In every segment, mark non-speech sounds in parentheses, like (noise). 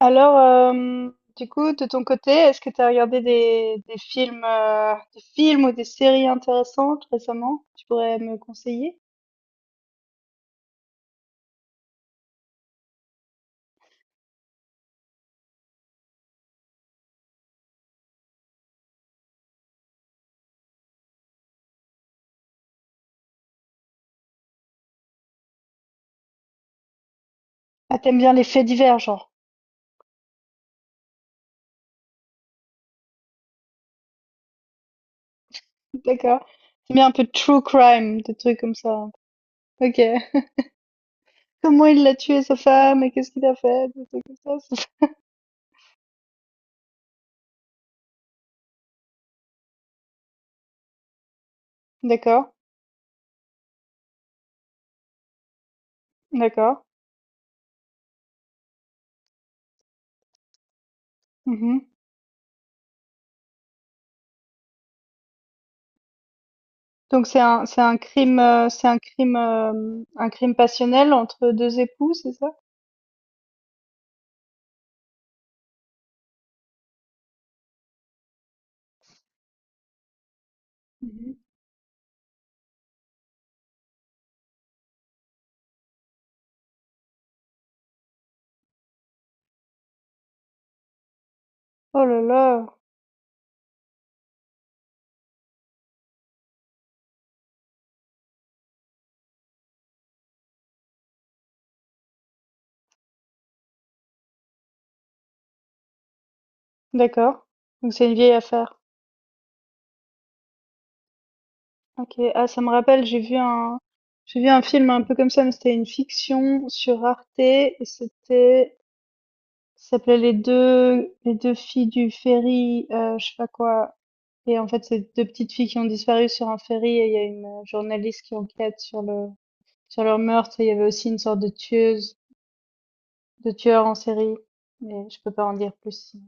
Alors, du coup, de ton côté, est-ce que tu as regardé des films ou des séries intéressantes récemment? Tu pourrais me conseiller? Ah, t'aimes bien les faits divers, genre. (laughs) D'accord. T'aimes bien un peu de true crime, des trucs comme ça. Ok. (laughs) Comment il l'a tué, sa femme, et qu'est-ce qu'il a fait, des trucs comme ça. (laughs) D'accord, d'accord. Mhm. Donc un crime passionnel entre deux époux, c'est ça? Mhm. Oh là là. D'accord. Donc c'est une vieille affaire. OK. Ah, ça me rappelle, j'ai vu un film un peu comme ça, mais c'était une fiction sur Arte et c'était ça s'appelait Les deux filles du ferry, je sais pas quoi et en fait, c'est 2 petites filles qui ont disparu sur un ferry et il y a une, journaliste qui enquête sur leur meurtre et il y avait aussi une sorte de tueuse de tueur en série, mais je peux pas en dire plus sinon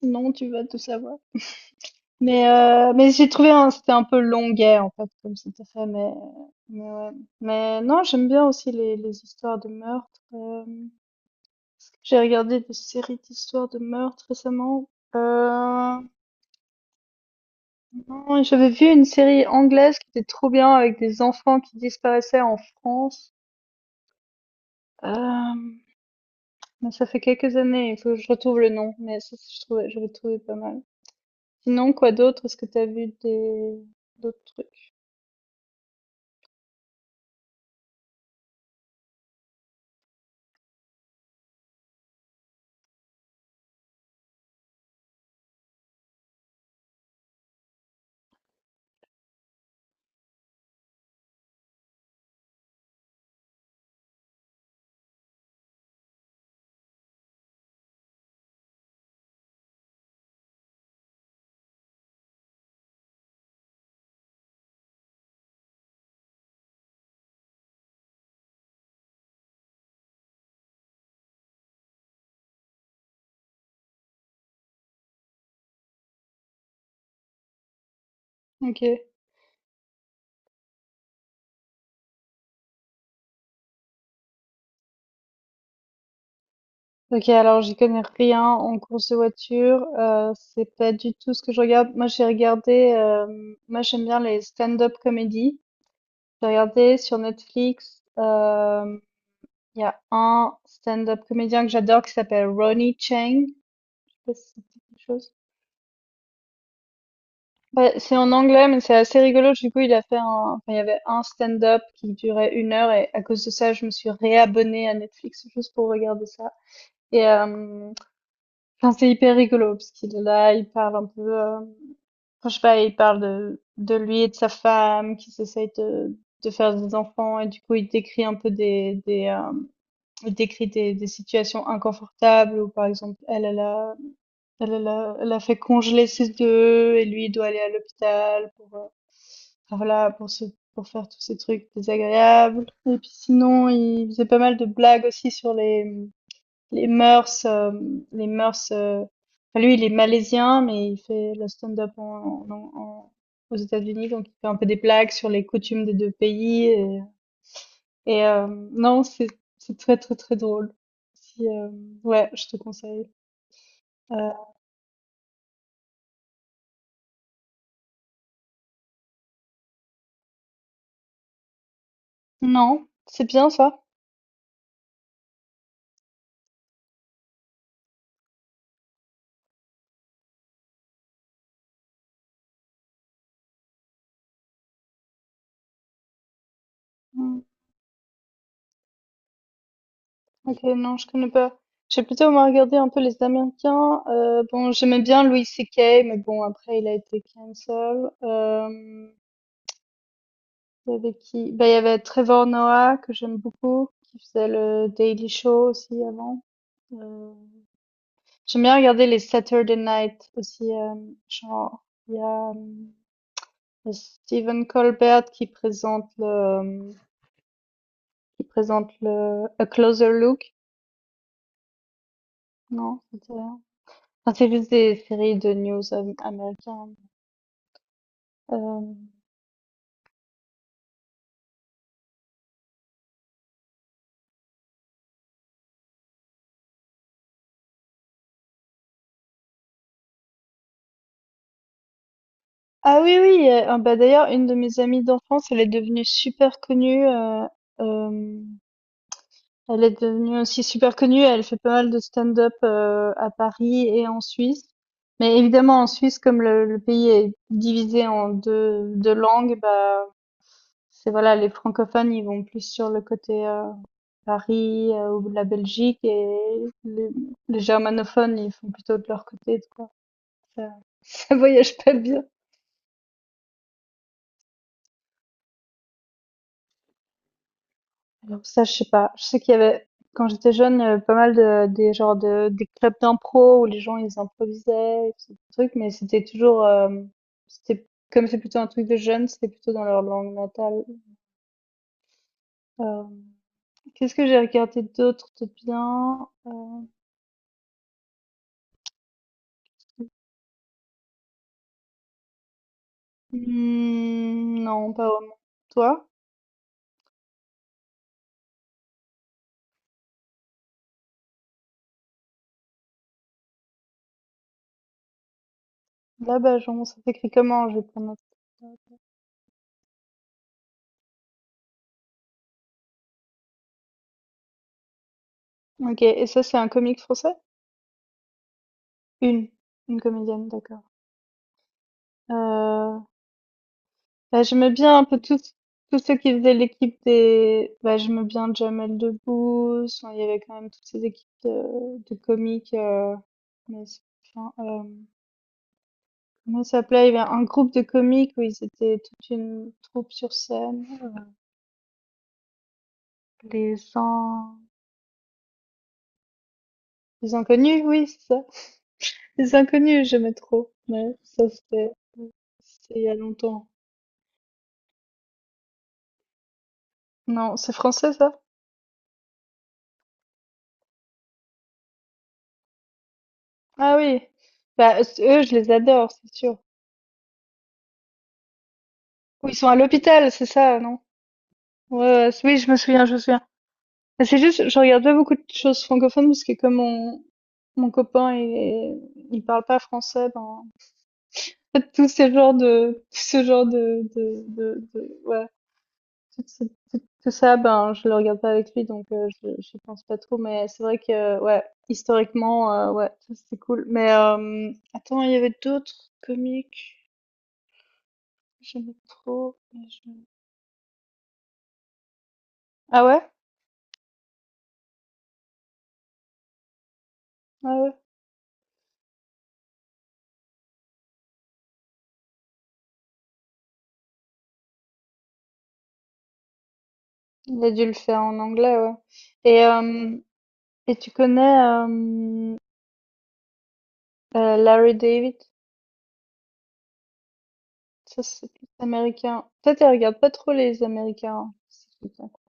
sinon tu vas tout savoir. Mais j'ai trouvé c'était un peu longuet en fait comme c'était fait mais ouais. Mais non j'aime bien aussi les histoires de meurtre. J'ai regardé des séries d'histoires de meurtre récemment. Euh, non, j'avais vu une série anglaise qui était trop bien avec des enfants qui disparaissaient en France. Euh, mais ça fait quelques années, il faut que je retrouve le nom, mais ça, j'avais trouvé pas mal. Sinon, quoi d'autre? Est-ce que t'as vu des d'autres trucs? Ok. Ok, alors j'y connais rien en course de voiture, c'est pas du tout ce que je regarde. Moi j'aime bien les stand-up comedy. J'ai regardé sur Netflix, il y a un stand-up comédien que j'adore qui s'appelle Ronnie Chang. Je sais pas si ça te dit quelque chose. Ouais, c'est en anglais mais c'est assez rigolo. Du coup il a fait un, enfin il y avait un stand-up qui durait 1 heure et à cause de ça je me suis réabonnée à Netflix juste pour regarder ça. Et euh, Enfin, c'est hyper rigolo parce qu'il est là, il parle un peu, enfin, je sais pas, il parle de lui et de sa femme qui s'essayent de faire des enfants et du coup il décrit un peu des il décrit des situations inconfortables où par exemple elle a fait congeler ses œufs et lui il doit aller à l'hôpital enfin, voilà, pour faire tous ces trucs désagréables. Et puis sinon, il faisait pas mal de blagues aussi sur les mœurs, enfin, lui, il est malaisien, mais il fait le stand-up en en en aux États-Unis, donc il fait un peu des blagues sur les coutumes des 2 pays et et non, c'est très, très, très drôle. Si, ouais, je te conseille. Heu, non, c'est bien ça? Mmh. OK, non, je connais pas. J'ai plutôt, moi, regardé un peu les Américains, bon, j'aimais bien Louis C.K. mais bon, après il a été cancel, hem Il y avait qui? Bah, il y avait Trevor Noah que j'aime beaucoup, qui faisait le Daily Show aussi avant. Euh, J'aime bien regarder les Saturday Night aussi. Genre, il y a le Stephen Colbert qui présente le A Closer Look. Non, c'était rien. Enfin, c'est juste des séries de news américaines. Euh, Ah oui, oui. Ah bah d'ailleurs, une de mes amies d'enfance, elle est devenue super connue. Euh, Elle est devenue aussi super connue, elle fait pas mal de stand-up, à Paris et en Suisse. Mais évidemment en Suisse comme le pays est divisé en deux 2 langues, bah, c'est voilà les francophones ils vont plus sur le côté, Paris, ou de la Belgique et les germanophones ils font plutôt de leur côté, tu vois? Ça (laughs) ça voyage pas bien. Alors ça, je sais pas. Je sais qu'il y avait, quand j'étais jeune, il y avait pas mal des genres des clubs d'impro où les gens, ils improvisaient, et tout ce truc, mais c'était toujours, c'était, comme c'est plutôt un truc de jeunes, c'était plutôt dans leur langue natale. Euh, Qu'est-ce que j'ai regardé d'autre de bien? Hmm, non, pas vraiment. Toi? Là, bah, genre, ça s'écrit comment? Je vais prendre un- Ok, et ça, c'est un comique français? Une. Une comédienne, d'accord. Euh, Bah, j'aimais bien un peu tous ceux qui faisaient l'équipe bah, j'aimais bien Jamel Debbouze, enfin, il y avait quand même toutes ces équipes de comiques, mais c'est- enfin, comment ça s'appelait? Il y avait un groupe de comiques où ils étaient toute une troupe sur scène, les gens, les inconnus, oui, c'est ça. Les inconnus, j'aimais trop. Ouais, ça c'était il y a longtemps. Non, c'est français ça? Ah oui. Bah, eux, je les adore, c'est sûr. Ou ils sont à l'hôpital, c'est ça, non? Ouais, ouais, oui, je me souviens, je me souviens. Mais c'est juste, je regarde pas beaucoup de choses francophones parce que comme mon copain il parle pas français, ben, en fait, tout ce genre ouais, tout, ce- tout ça, ben, je le regarde pas avec lui, donc je pense pas trop. Mais c'est vrai que, ouais, historiquement, ouais, ça, c'est cool. Mais attends, il y avait d'autres comiques, que j'aimais trop. Ah ouais, ah ouais, il a dû le faire en anglais, ouais. Et euh, Et tu connais, Larry David? Ça, c'est plus américain. Toi, tu regardes pas trop les Américains, hein, si j'ai bien compris.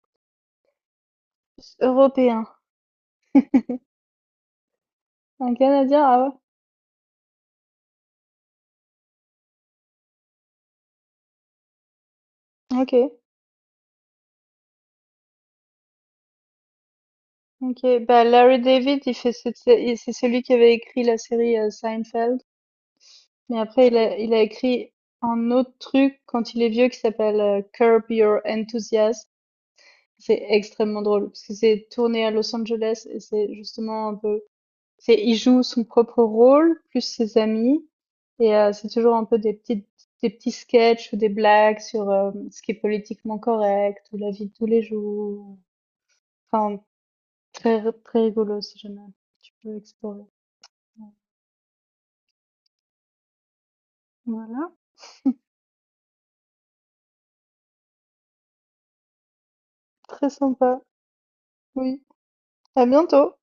Européens. Un Canadien? Ah ouais? OK. OK. Bah, Larry David, il fait cette sé il c'est celui qui avait écrit la série, Seinfeld. Mais après, il a écrit un autre truc quand il est vieux qui s'appelle, Curb Your Enthusiasm. C'est extrêmement drôle parce que c'est tourné à Los Angeles et c'est justement un peu c'est il joue son propre rôle plus ses amis Et c'est toujours un peu des petits sketchs ou des blagues sur, ce qui est politiquement correct ou la vie de tous les jours. Enfin, très rigolo si jamais tu peux explorer. Voilà, très sympa. Oui, à bientôt.